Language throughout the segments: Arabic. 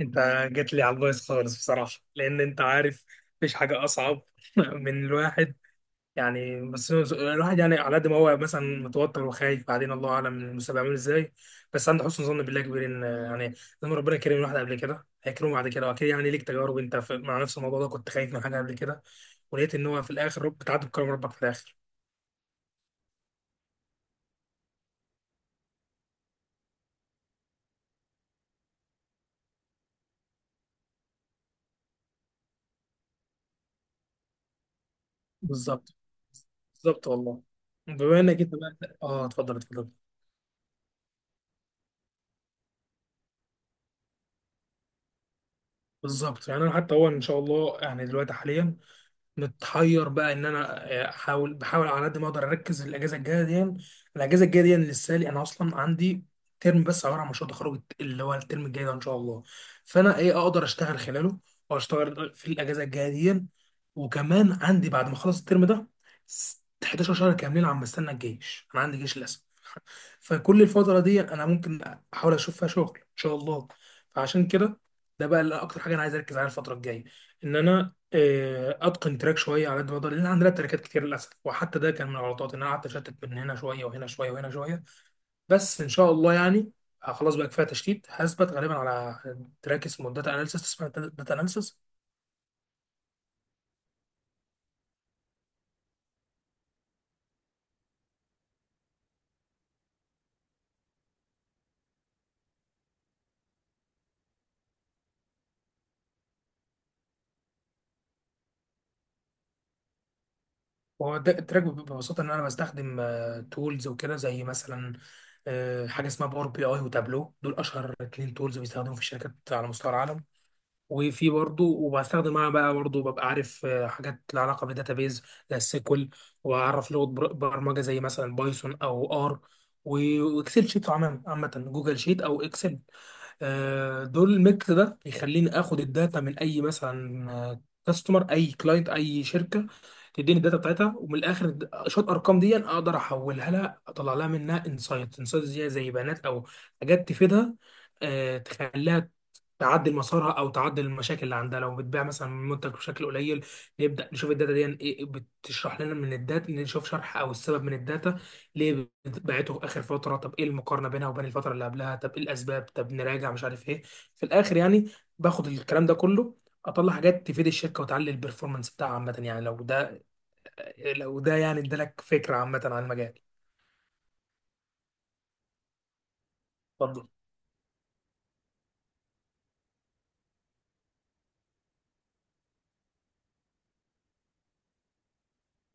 انت جيت لي على البايظ خالص بصراحه، لان انت عارف مفيش حاجه اصعب من الواحد. يعني الواحد يعني على قد ما هو مثلا متوتر وخايف، بعدين الله اعلم المستقبل عامل ازاي، بس عنده حسن ظن بالله كبير ان يعني لما ربنا كرم الواحد قبل كده هيكرمه بعد كده. واكيد يعني ليك تجارب، انت مع نفس الموضوع ده كنت خايف من حاجه قبل كده ولقيت ان هو في الاخر رب بتعدي بكرم ربك في الاخر. بالظبط، بالظبط والله. بما انك انت بقى، اتفضل، اتفضل. بالظبط، يعني انا حتى هو ان شاء الله يعني دلوقتي حاليا متحير بقى ان انا، بحاول على قد ما اقدر اركز الاجازه الجايه دي لسه لي، انا اصلا عندي ترم بس عباره عن مشروع تخرج اللي هو الترم الجاي ده ان شاء الله. فانا ايه اقدر اشتغل خلاله او اشتغل في الاجازه الجايه دي. وكمان عندي بعد ما اخلص الترم ده 11 شهر كاملين عم بستنى الجيش، انا عندي جيش للاسف. فكل الفترة دي أنا ممكن أحاول أشوف فيها شغل إن شاء الله. فعشان كده ده بقى اللي أكتر حاجة أنا عايز أركز عليها الفترة الجاية، إن أنا، أتقن تراك شوية على قد ما أقدر، لأن عندنا تراكات كتير للأسف. وحتى ده كان من الغلطات إن أنا قعدت أشتت بين هنا شوية وهنا شوية وهنا شوية. بس إن شاء الله يعني، خلاص بقى كفاية تشتيت. هثبت غالبا على تراك اسمه داتا أناليسيس، اسمها داتا أناليسيس. التراك بيبقى ببساطة إن أنا بستخدم تولز وكده، زي مثلا، حاجة اسمها باور بي أي وتابلو. دول أشهر اتنين تولز بيستخدموا في الشركات على مستوى العالم. وفي برضه، وبستخدم معاها بقى، برضه ببقى عارف حاجات لها علاقة بالداتابيز زي السيكول. وأعرف لغة برمجة زي مثلا بايثون أو آر، وإكسل شيت، عامة جوجل شيت أو إكسل. دول الميكس ده يخليني اخد الداتا من اي، مثلا، كاستمر، اي كلاينت، اي شركه تديني الداتا بتاعتها، ومن الاخر شويه ارقام دي اقدر احولها لها، اطلع لها منها انسايت انسايت زي بيانات او حاجات تفيدها. تخليها تعدل مسارها او تعدل المشاكل اللي عندها. لو بتبيع مثلا منتج بشكل قليل، نبدا نشوف الداتا دي إيه بتشرح لنا، من الداتا نشوف شرح او السبب من الداتا ليه بعته اخر فتره، طب ايه المقارنه بينها وبين الفتره اللي قبلها، طب ايه الاسباب، طب نراجع مش عارف ايه. في الاخر يعني باخد الكلام ده كله اطلع حاجات تفيد الشركه وتعلي البرفورمانس بتاعها عامه. يعني لو ده يعني ادالك فكره عامه عن المجال. اتفضل.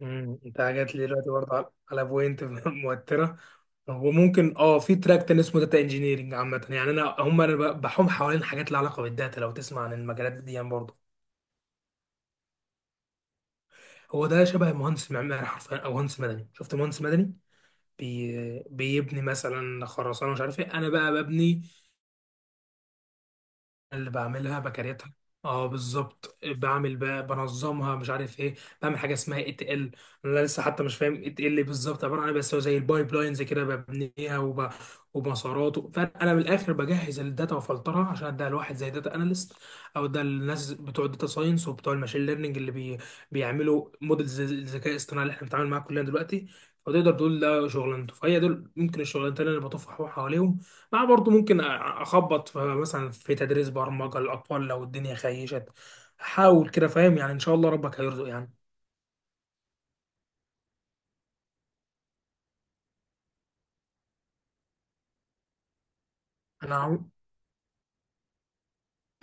انت جات لي دلوقتي برضه على بوينت موتره. هو ممكن في تراك تاني اسمه داتا انجينيرنج. عامة يعني انا بحوم حوالين حاجات لها علاقة بالداتا. لو تسمع عن المجالات دي يعني برضه. هو ده شبه مهندس معماري حرفيا، او مهندس مدني. شفت مهندس مدني بيبني مثلا خرسانه مش عارف ايه؟ انا بقى ببني اللي بعملها بكريتها. اه، بالظبط، بعمل بقى بنظمها مش عارف ايه. بعمل حاجه اسمها اي تي ال. انا لسه حتى مش فاهم اي تي ال بالظبط عباره عن ايه، بس هو زي البايب لاينز كده، ببنيها ومسارات. فانا من الاخر بجهز الداتا وفلترها عشان اديها لواحد زي داتا اناليست، او ده الناس بتوع الداتا ساينس وبتوع الماشين ليرنينج اللي بيعملوا موديل الذكاء الاصطناعي اللي احنا بنتعامل معاه كلنا دلوقتي. فتقدر تقول ده شغلانته. فهي دول ممكن الشغلانتين اللي بطفح حواليهم. لا برضه ممكن اخبط في مثلا في تدريس برمجه للاطفال لو الدنيا خيشت، احاول كده. فاهم يعني؟ ان شاء الله ربك هيرزق يعني. انا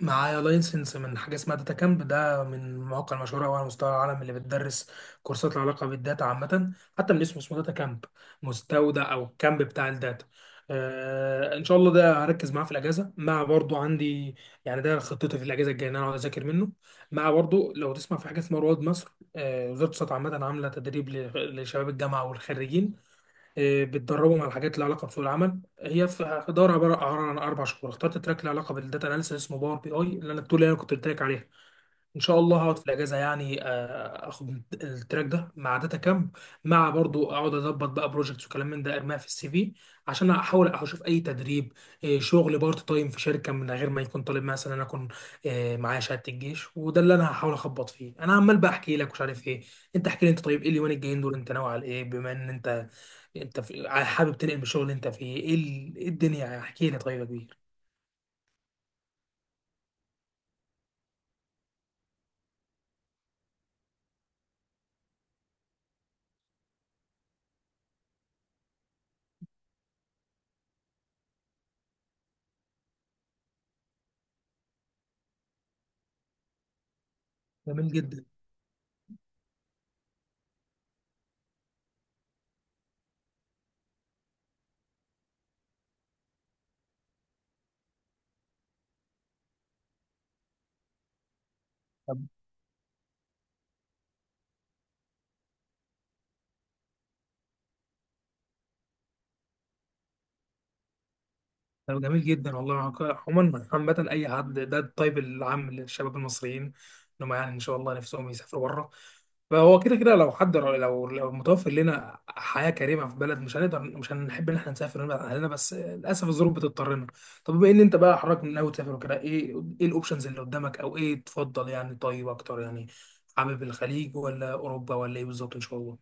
معايا لايسنس من حاجه اسمها داتا كامب. ده من المواقع المشهوره أوي على مستوى العالم اللي بتدرس كورسات لها علاقه بالداتا عامه. حتى من اسمه داتا كامب، مستودع او الكامب بتاع الداتا. ان شاء الله ده هركز معاه في الاجازه، مع برضو عندي، يعني ده خطتي في الاجازه الجايه ان انا اقعد اذاكر منه. مع برضو لو تسمع في حاجه اسمها رواد مصر، وزاره الصحه عامه عامله تدريب لشباب الجامعه والخريجين. بتدربهم على حاجات لها علاقه بسوق العمل. هي في دورة عبارة عن اربع شهور، اخترت تراك له علاقه بالداتا اناليسيس اسمه باور بي اي، اللي انا التول اللي انا كنت قلت لك عليها. ان شاء الله هقعد في الاجازه، يعني اخد التراك ده مع داتا كامب، مع برضو اقعد اظبط بقى بروجكتس وكلام من ده، ارميها في السي في، عشان احاول اشوف اي تدريب، شغل بارت تايم في شركه من غير ما يكون طالب. مثلا انا اكون، معايا شهاده الجيش، وده اللي انا هحاول اخبط فيه. انا عمال بقى احكي لك مش عارف ايه، انت احكي لي انت. طيب ايه اليومين الجايين دول انت ناوي على ايه؟ بما ان انت حابب تنقل من الشغل اللي انت فيه؟ ايه إيه الدنيا؟ احكي لي طيب يا كبير. جميل جدا. طب جميل جدا والله. عموما، عامة أي حد ده الطيب العام للشباب المصريين إنهم يعني إن شاء الله نفسهم يسافروا بره. فهو كده كده لو حد، لو لو متوفر لنا حياة كريمة في بلد، مش هنقدر مش هنحب إن إحنا نسافر ونبعد عن أهلنا، بس للأسف الظروف بتضطرنا. طب بما إن أنت بقى حضرتك من ناوي تسافر وكده، إيه إيه الأوبشنز اللي قدامك؟ أو إيه تفضل يعني طيب أكتر يعني؟ حابب الخليج ولا أوروبا، ولا إيه بالظبط إن شاء الله؟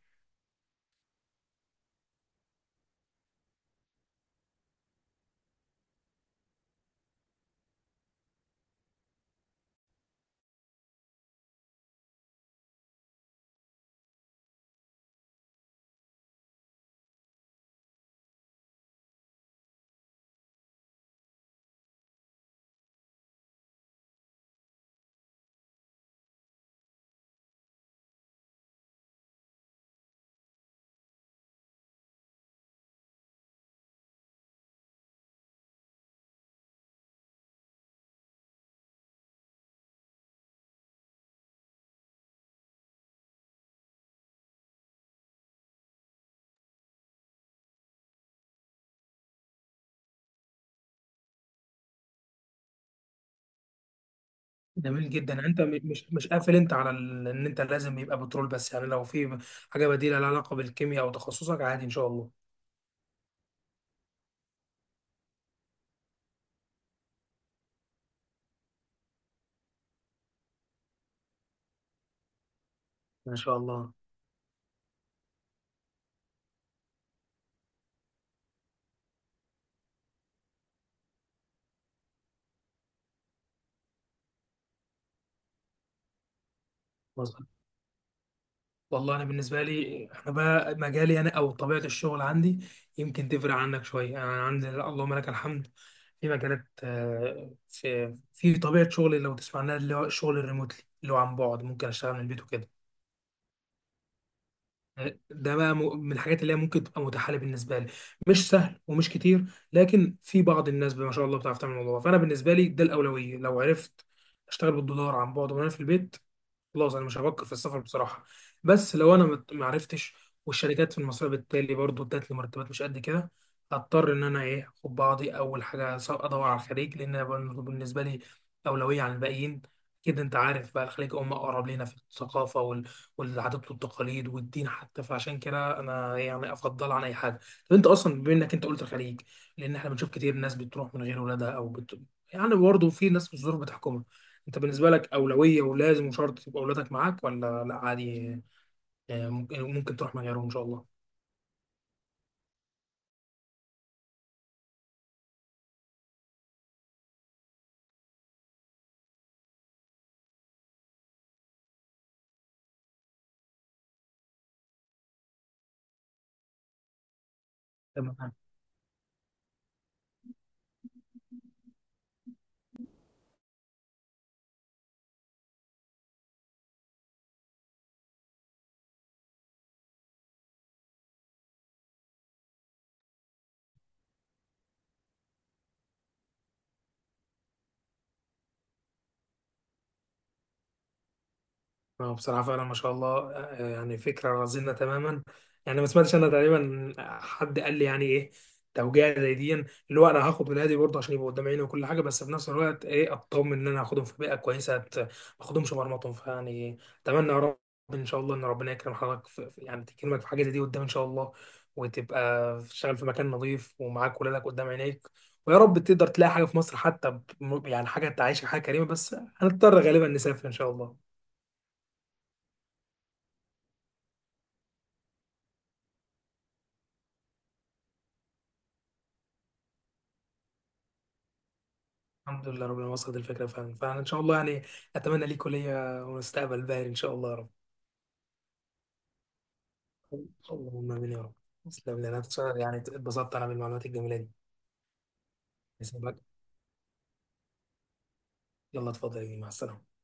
جميل جدا. يعني انت مش قافل انت على ان انت لازم يبقى بترول بس، يعني لو في حاجه بديله لها علاقه بالكيمياء او تخصصك عادي ان شاء الله. ما شاء الله. مظبوط والله. انا بالنسبه لي، انا بقى مجالي انا، او طبيعه الشغل عندي يمكن تفرق عنك شويه. يعني انا عندي، لا، اللهم لك الحمد، في مجالات، في طبيعه شغلي، لو تسمع عنها، اللي هو الشغل الريموتلي، اللي هو عن بعد، ممكن اشتغل من البيت وكده. ده بقى من الحاجات اللي هي ممكن تبقى متاحه لي. بالنسبه لي مش سهل ومش كتير، لكن في بعض الناس ما شاء الله بتعرف تعمل الموضوع ده. فانا بالنسبه لي ده الاولويه. لو عرفت اشتغل بالدولار عن بعد وانا في البيت، خلاص انا مش هفكر في السفر بصراحه. بس لو انا ما عرفتش، والشركات في المصريه بالتالي برضو ادت لي مرتبات مش قد كده، هضطر ان انا ايه اخد بعضي. اول حاجه ادور على الخليج، لان أنا بالنسبه لي اولويه عن الباقيين. كده انت عارف بقى، الخليج هم اقرب لينا في الثقافه والعادات والتقاليد والدين حتى، فعشان كده انا يعني افضل عن اي حاجه. طب انت اصلا بما انك انت قلت الخليج، لان احنا بنشوف كتير ناس بتروح من غير ولادها، او يعني برضه في ناس الظروف بتحكمها. انت بالنسبه لك اولويه ولازم وشرط يبقى اولادك معاك، ولا لا عادي، ممكن تروح من غيرهم ان شاء الله؟ تمام. هو بصراحة فعلا ما شاء الله، يعني فكرة رزينة تماما. يعني ما سمعتش أنا تقريبا حد قال لي، يعني إيه توجيه زي دي، اللي هو أنا هاخد ولادي برضه عشان يبقوا قدام عيني وكل حاجة، بس في نفس الوقت إيه أطمن إن أنا هاخدهم في بيئة كويسة، ما أخدهمش مرمطهم فيعني. أتمنى يا رب، إن شاء الله إن ربنا يكرم حضرتك يعني تكرمك في حاجة زي دي قدام إن شاء الله، وتبقى تشتغل في مكان نظيف ومعاك ولادك قدام عينيك. ويا رب تقدر تلاقي حاجة في مصر حتى، يعني حاجة تعيشك حاجة كريمة، بس هنضطر غالبا نسافر إن شاء الله. الحمد لله، ربنا وصلت الفكرة فعلا، فإن شاء الله يعني أتمنى ليك كلية ومستقبل باهر إن شاء الله يا رب. اللهم آمين يا رب. تسلم لي. أنا بصراحة يعني اتبسطت أنا بالمعلومات الجميلة دي. يسلمك. يلا اتفضل يا جميل. مع السلامة.